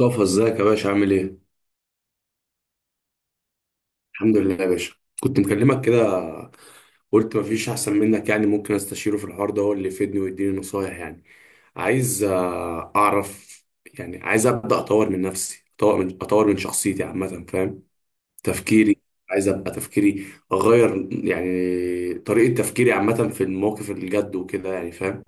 مصطفى ازيك يا باشا عامل ايه؟ الحمد لله يا باشا، كنت مكلمك كده. قلت مفيش احسن منك، يعني ممكن استشيره في الحوار ده، هو اللي يفيدني ويديني نصايح يعني. عايز اعرف، يعني عايز ابدا اطور من نفسي، اطور من شخصيتي عامه، فاهم؟ تفكيري، عايز ابقى تفكيري اغير يعني طريقه تفكيري عامه في المواقف الجد وكده يعني، فاهم؟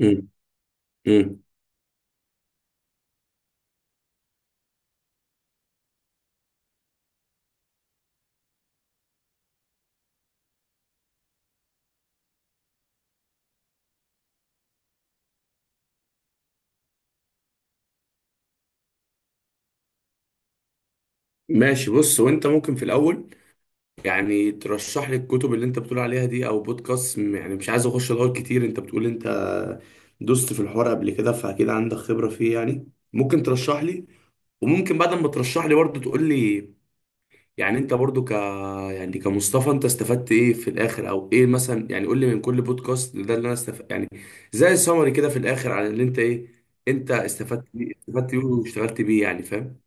امم امم ماشي، بص، وانت ممكن في الاول يعني ترشح لي الكتب اللي انت بتقول عليها دي او بودكاست، يعني مش عايز اخش ادور كتير. انت بتقول انت دوست في الحوار قبل كده، فاكيد عندك خبرة فيه يعني، ممكن ترشح لي. وممكن بعد ما ترشح لي برضه تقول لي يعني انت برضه يعني كمصطفى انت استفدت ايه في الاخر، او ايه مثلا، يعني قول لي من كل بودكاست ده اللي انا استفدت يعني، زي سمري كده في الاخر، على اللي انت ايه، انت استفدت بيه، استفدت بيه واشتغلت بيه يعني، فاهم؟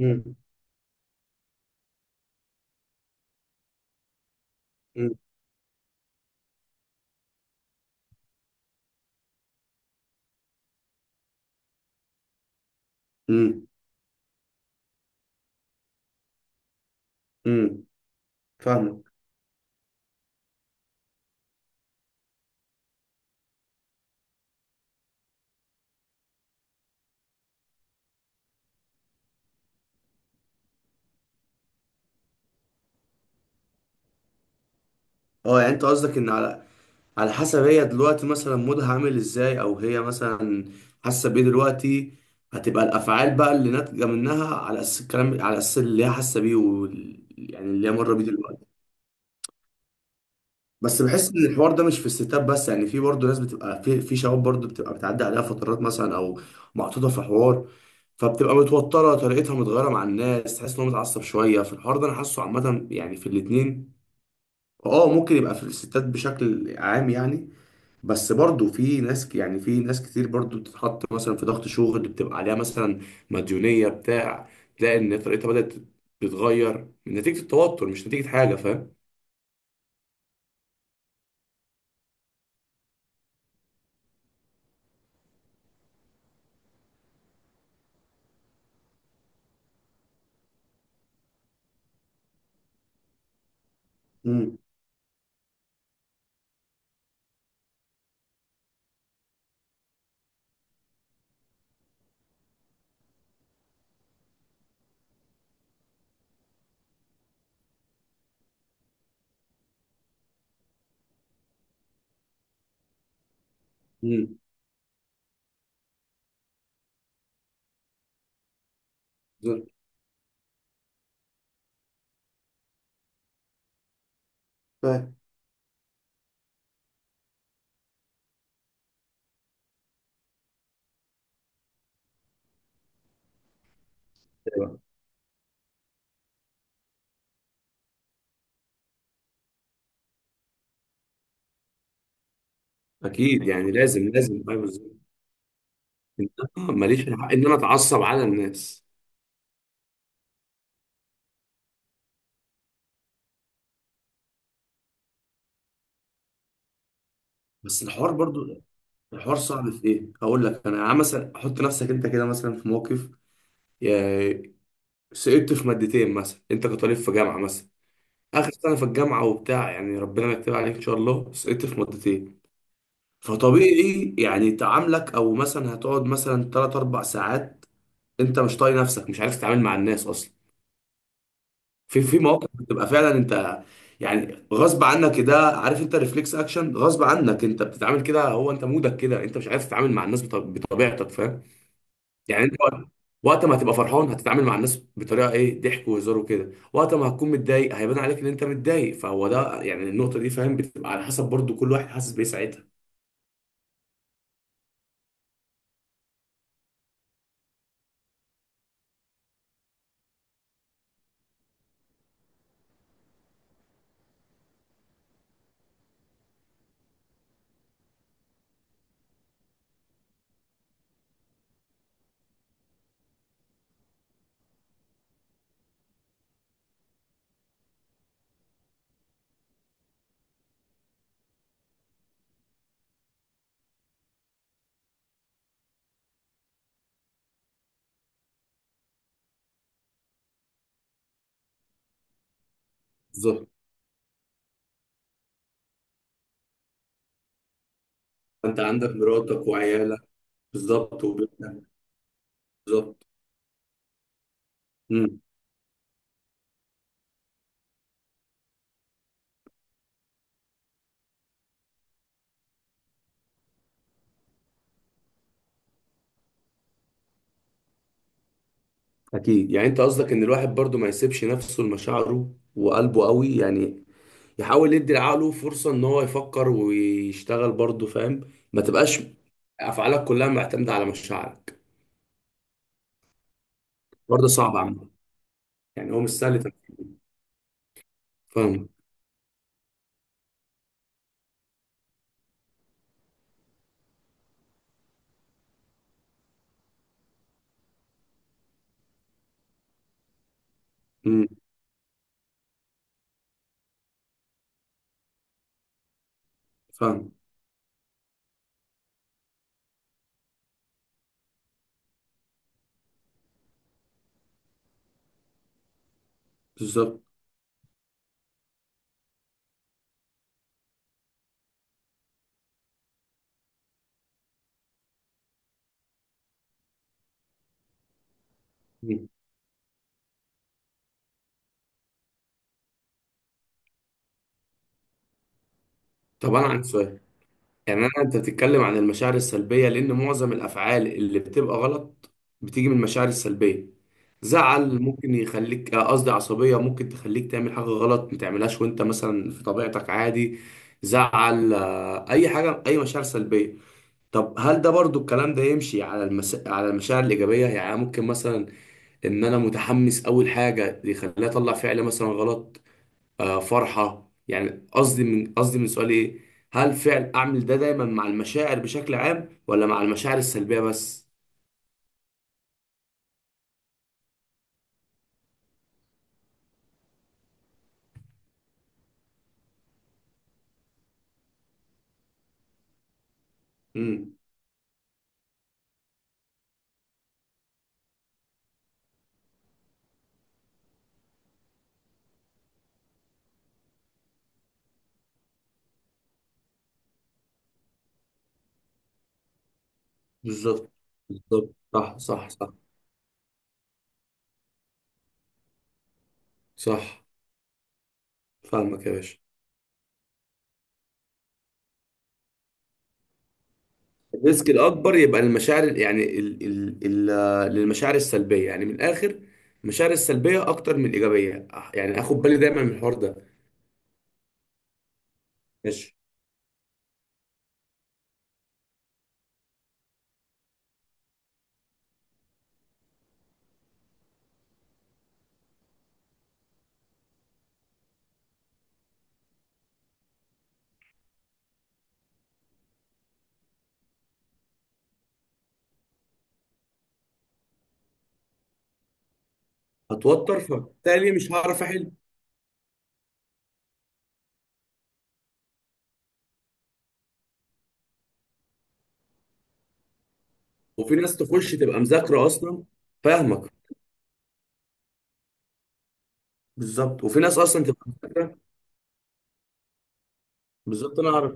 امم امم امم فاهمك. اه يعني انت قصدك ان على حسب هي دلوقتي مثلا مودها عامل ازاي، او هي مثلا حاسه بيه دلوقتي، هتبقى الافعال بقى اللي ناتجه منها على اساس الكلام، على اساس اللي هي حاسه بيه يعني اللي هي مره بيه دلوقتي. بس بحس ان الحوار ده مش في الستات بس يعني، في برضه ناس بتبقى في شباب برضه بتبقى بتعدي عليها فترات مثلا، او محطوطه في حوار، فبتبقى متوتره، طريقتها متغيره مع الناس، تحس ان هو متعصب شويه. فالحوار ده انا حاسه عامه يعني في الاتنين. اه ممكن يبقى في الستات بشكل عام يعني، بس برضو في ناس، يعني في ناس كتير برضو بتتحط مثلا في ضغط شغل، بتبقى عليها مثلا مديونية بتاع، تلاقي ان طريقتها بدأت تتغير من نتيجة التوتر، مش نتيجة حاجة، فاهم؟ امم امم بالظبط. فاهم. أيوة. اكيد يعني، لازم ايوه، بالظبط. إن أنا ماليش الحق ان انا اتعصب على الناس. بس الحوار برضو، الحوار صعب في ايه؟ هقول لك، انا عم مثلا احط نفسك انت كده مثلا في موقف، يا- سقطت في مادتين مثلا، انت كطالب في جامعة مثلا، اخر سنه في الجامعه وبتاع، يعني ربنا يكتب عليك ان شاء الله، سقطت في مادتين. فطبيعي يعني تعاملك، او مثلا هتقعد مثلا 3 4 ساعات انت مش طايق نفسك، مش عارف تتعامل مع الناس اصلا. في مواقف بتبقى فعلا انت يعني غصب عنك كده، عارف، انت ريفلكس اكشن، غصب عنك انت بتتعامل كده، هو انت مودك كده، انت مش عارف تتعامل مع الناس بطبيعتك، فاهم؟ يعني انت وقت ما هتبقى فرحان هتتعامل مع الناس بطريقه ايه، ضحك وهزار وكده. وقت ما هتكون متضايق هيبان عليك ان انت متضايق. فهو ده يعني النقطه دي فاهم، بتبقى على حسب برضو كل واحد حاسس بايه ساعتها. بالظبط، انت عندك مراتك وعيالك. بالظبط وبيتك. بالظبط. امم. اكيد يعني انت قصدك ان الواحد برضو ما يسيبش نفسه لمشاعره وقلبه قوي يعني، يحاول يدي لعقله فرصه ان هو يفكر ويشتغل برضو، فاهم؟ ما تبقاش افعالك كلها معتمده على مشاعرك. برضه صعب عامه يعني، هو مش سهل. فاهم. امم. فاهم. بالظبط. مم. طب انا عندي سؤال، يعني انا انت بتتكلم عن المشاعر السلبيه لان معظم الافعال اللي بتبقى غلط بتيجي من المشاعر السلبيه. زعل ممكن يخليك، قصدي عصبيه ممكن تخليك تعمل حاجه غلط ما تعملهاش وانت مثلا في طبيعتك عادي. زعل، اي حاجه، اي مشاعر سلبيه. طب هل ده برضو الكلام ده يمشي على على المشاعر الايجابيه؟ يعني ممكن مثلا ان انا متحمس اول حاجه يخليني اطلع فعل مثلا غلط، فرحة يعني. قصدي من قصدي من سؤالي ايه، هل فعل اعمل ده دايما مع المشاعر بشكل عام، ولا مع المشاعر السلبية بس؟ امم. بالظبط بالظبط، صح صح صح. صح، فاهمك يا باشا. الريسك الاكبر يبقى المشاعر، يعني ال ال ال آه، للمشاعر السلبية يعني، من الاخر المشاعر السلبية اكتر من الايجابية، يعني اخد بالي دايما من الحوار ده. ماشي. هتوتر فبالتالي مش هعرف احل. وفي ناس تخش تبقى مذاكرة اصلا. فاهمك. بالظبط، وفي ناس اصلا تبقى مذاكرة. بالظبط انا اعرف.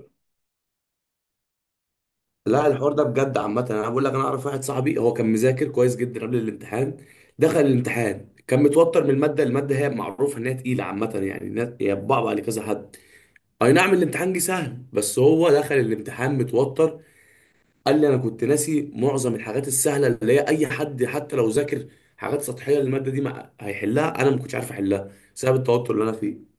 لا الحوار ده بجد عامه. انا بقول لك، انا اعرف واحد صاحبي هو كان مذاكر كويس جدا قبل الامتحان، دخل الامتحان كان متوتر من الماده. هي معروفه ان هي تقيله عامه، يعني هي بتبعبع على كذا حد. اي نعم الامتحان جه سهل، بس هو دخل الامتحان متوتر. قال لي انا كنت ناسي معظم الحاجات السهله، اللي هي اي حد حتى لو ذاكر حاجات سطحيه للماده دي ما هيحلها، انا ما كنتش عارف احلها بسبب التوتر اللي انا فيه.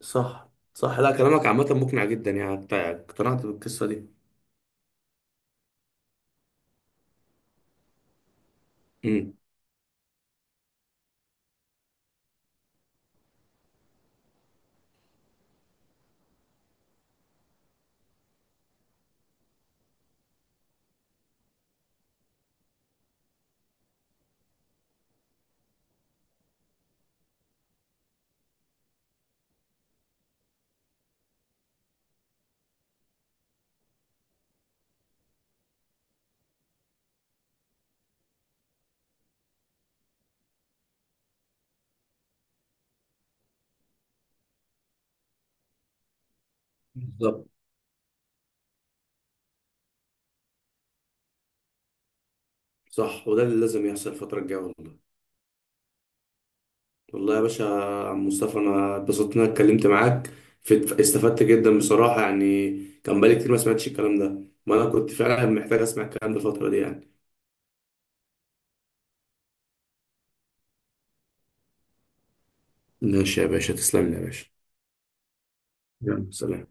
صح صح، لا كلامك عامه مقنع جدا، يعني اقتنعت بالقصه دي. امم. بالظبط. صح، وده اللي لازم يحصل الفترة الجاية والله. والله يا باشا يا عم مصطفى، أنا اتبسطت إن أنا اتكلمت معاك. استفدت جدا بصراحة يعني، كان بقالي كتير ما سمعتش الكلام ده، ما أنا كنت فعلا محتاج أسمع الكلام ده الفترة دي يعني. ماشي يا باشا، تسلم لي يا باشا. يلا سلام.